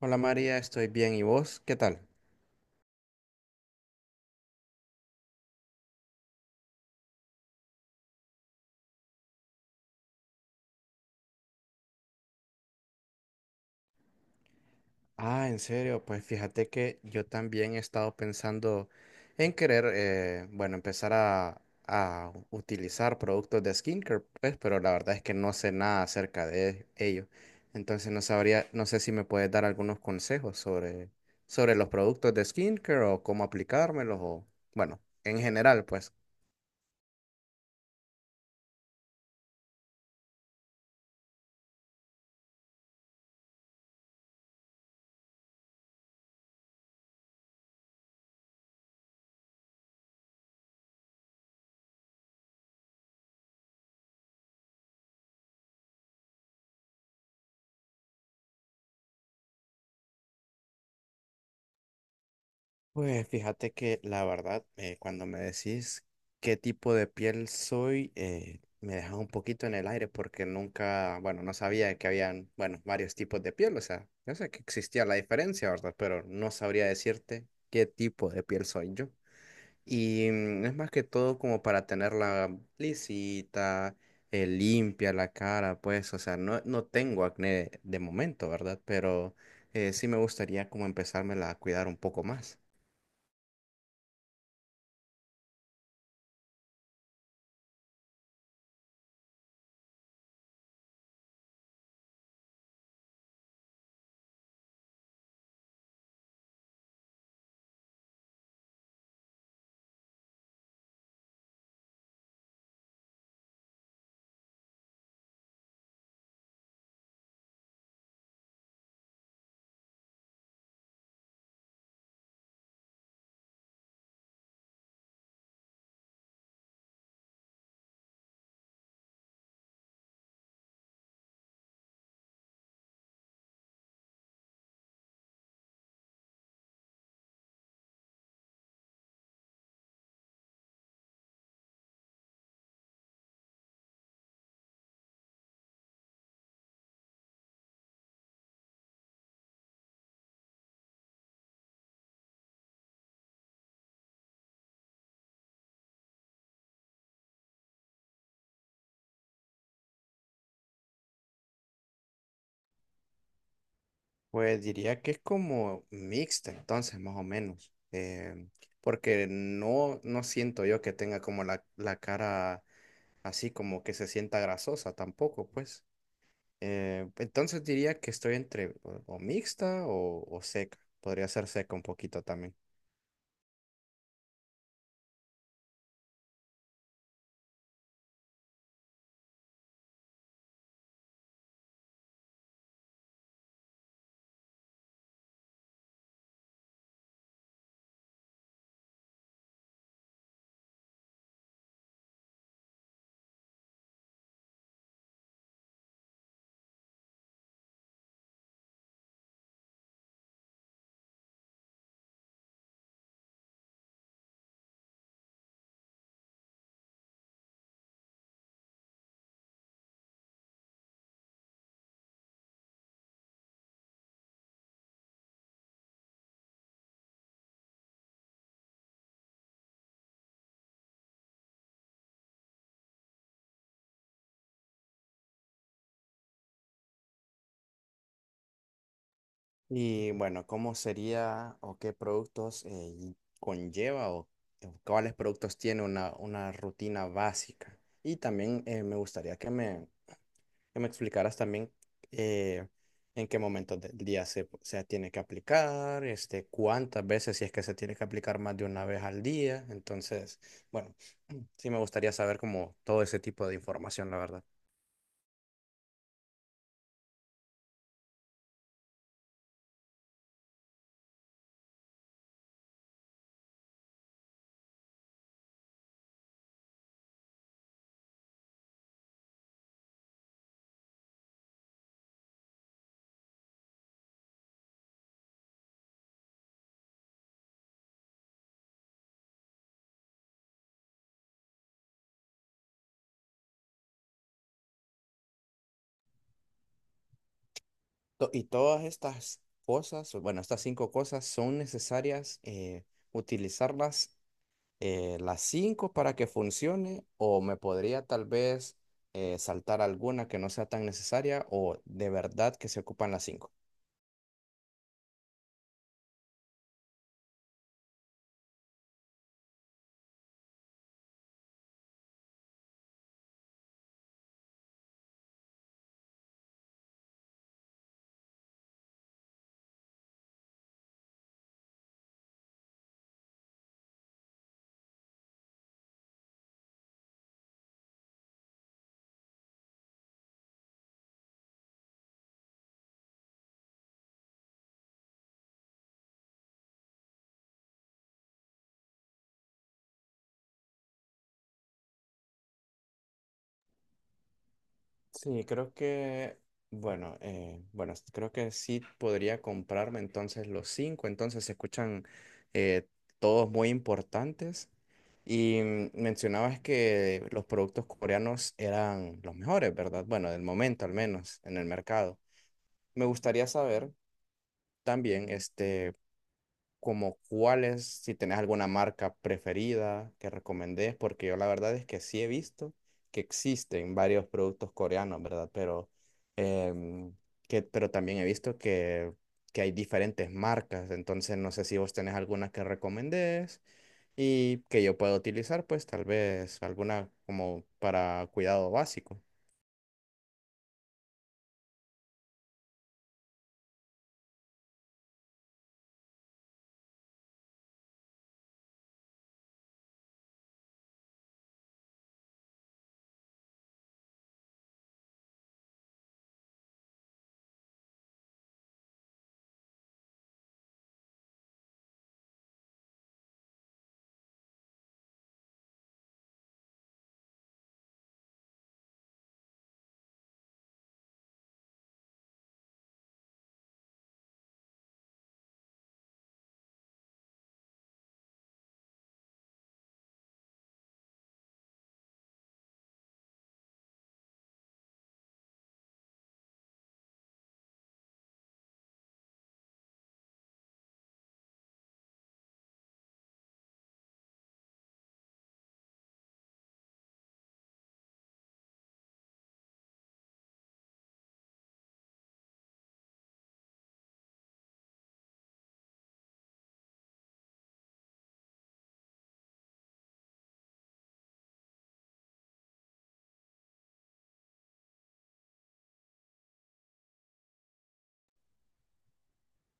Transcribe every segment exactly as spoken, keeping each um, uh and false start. Hola María, estoy bien. ¿Y vos? ¿Qué tal? Ah, en serio, pues fíjate que yo también he estado pensando en querer, eh, bueno, empezar a, a utilizar productos de skincare, pues, pero la verdad es que no sé nada acerca de ello. Entonces no sabría, no sé si me puedes dar algunos consejos sobre, sobre los productos de skincare o cómo aplicármelos o, bueno, en general, pues. Pues fíjate que la verdad, eh, cuando me decís qué tipo de piel soy, eh, me dejas un poquito en el aire porque nunca, bueno, no sabía que habían, bueno, varios tipos de piel, o sea, yo sé que existía la diferencia, ¿verdad? Pero no sabría decirte qué tipo de piel soy yo. Y mm, es más que todo como para tenerla lisita, eh, limpia la cara, pues, o sea, no, no tengo acné de momento, ¿verdad? Pero eh, sí me gustaría como empezármela a cuidar un poco más. Pues diría que es como mixta, entonces, más o menos. Eh, porque no, no siento yo que tenga como la, la cara así como que se sienta grasosa tampoco, pues. Eh, entonces diría que estoy entre o, o mixta o, o seca. Podría ser seca un poquito también. Y bueno, ¿cómo sería o qué productos eh, y conlleva o, o cuáles productos tiene una, una rutina básica? Y también eh, me gustaría que me que me explicaras también eh, en qué momentos del día se, se tiene que aplicar, este, cuántas veces, si es que se tiene que aplicar más de una vez al día. Entonces, bueno, sí me gustaría saber como todo ese tipo de información, la verdad. To- Y todas estas cosas, o bueno, estas cinco cosas son necesarias eh, utilizarlas eh, las cinco para que funcione o me podría tal vez eh, saltar alguna que no sea tan necesaria o de verdad que se ocupan las cinco. Sí, creo que, bueno, eh, bueno, s- creo que sí podría comprarme entonces los cinco, entonces se escuchan eh, todos muy importantes. Y mm, mencionabas que los productos coreanos eran los mejores, ¿verdad? Bueno, del momento al menos en el mercado. Me gustaría saber también, este, como cuáles, si tenés alguna marca preferida que recomendés, porque yo la verdad es que sí he visto que existen varios productos coreanos, ¿verdad? Pero, em, que, pero también he visto que, que hay diferentes marcas, entonces no sé si vos tenés alguna que recomendés y que yo pueda utilizar, pues tal vez alguna como para cuidado básico.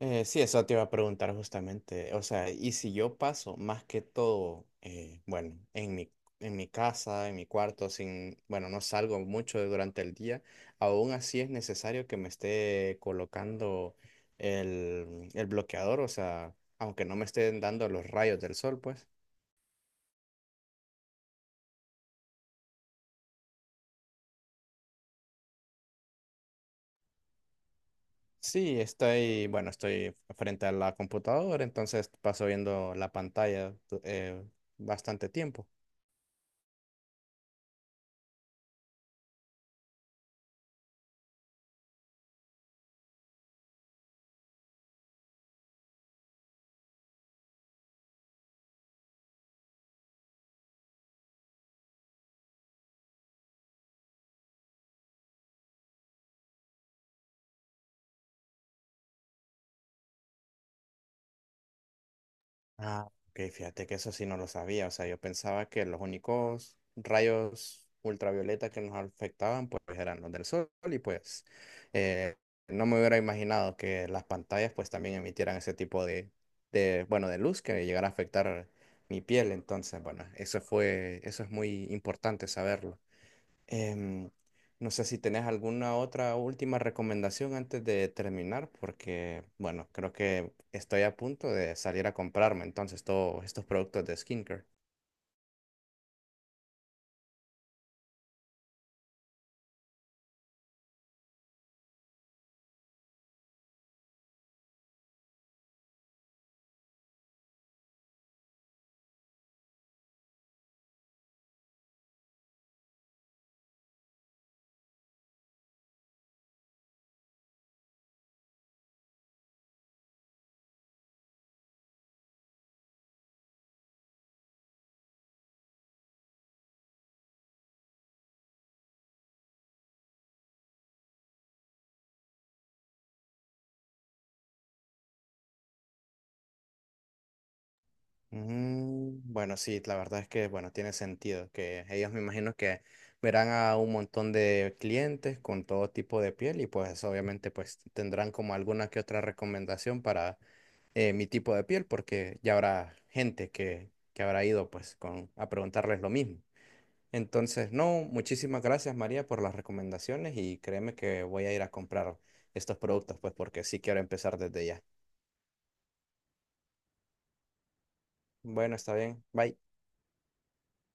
Eh, sí, eso te iba a preguntar justamente. O sea, y si yo paso más que todo, eh, bueno, en mi, en mi casa, en mi cuarto, sin, bueno, no salgo mucho durante el día, aún así es necesario que me esté colocando el, el bloqueador, o sea, aunque no me estén dando los rayos del sol, pues. Sí, estoy, bueno, estoy frente a la computadora, entonces paso viendo la pantalla eh, bastante tiempo. Ah, ok, fíjate que eso sí no lo sabía. O sea, yo pensaba que los únicos rayos ultravioleta que nos afectaban pues eran los del sol y pues eh, no me hubiera imaginado que las pantallas pues también emitieran ese tipo de, de, bueno, de luz que llegara a afectar mi piel. Entonces, bueno, eso fue, eso es muy importante saberlo. Em, no sé si tenés alguna otra última recomendación antes de terminar, porque, bueno, creo que estoy a punto de salir a comprarme entonces todos estos productos de skincare. Mm, bueno, sí, la verdad es que, bueno, tiene sentido que ellos me imagino que verán a un montón de clientes con todo tipo de piel y pues obviamente pues tendrán como alguna que otra recomendación para eh, mi tipo de piel, porque ya habrá gente que, que habrá ido pues con, a preguntarles lo mismo. Entonces, no, muchísimas gracias María por las recomendaciones y créeme que voy a ir a comprar estos productos, pues porque sí quiero empezar desde ya. Bueno, está bien. Bye.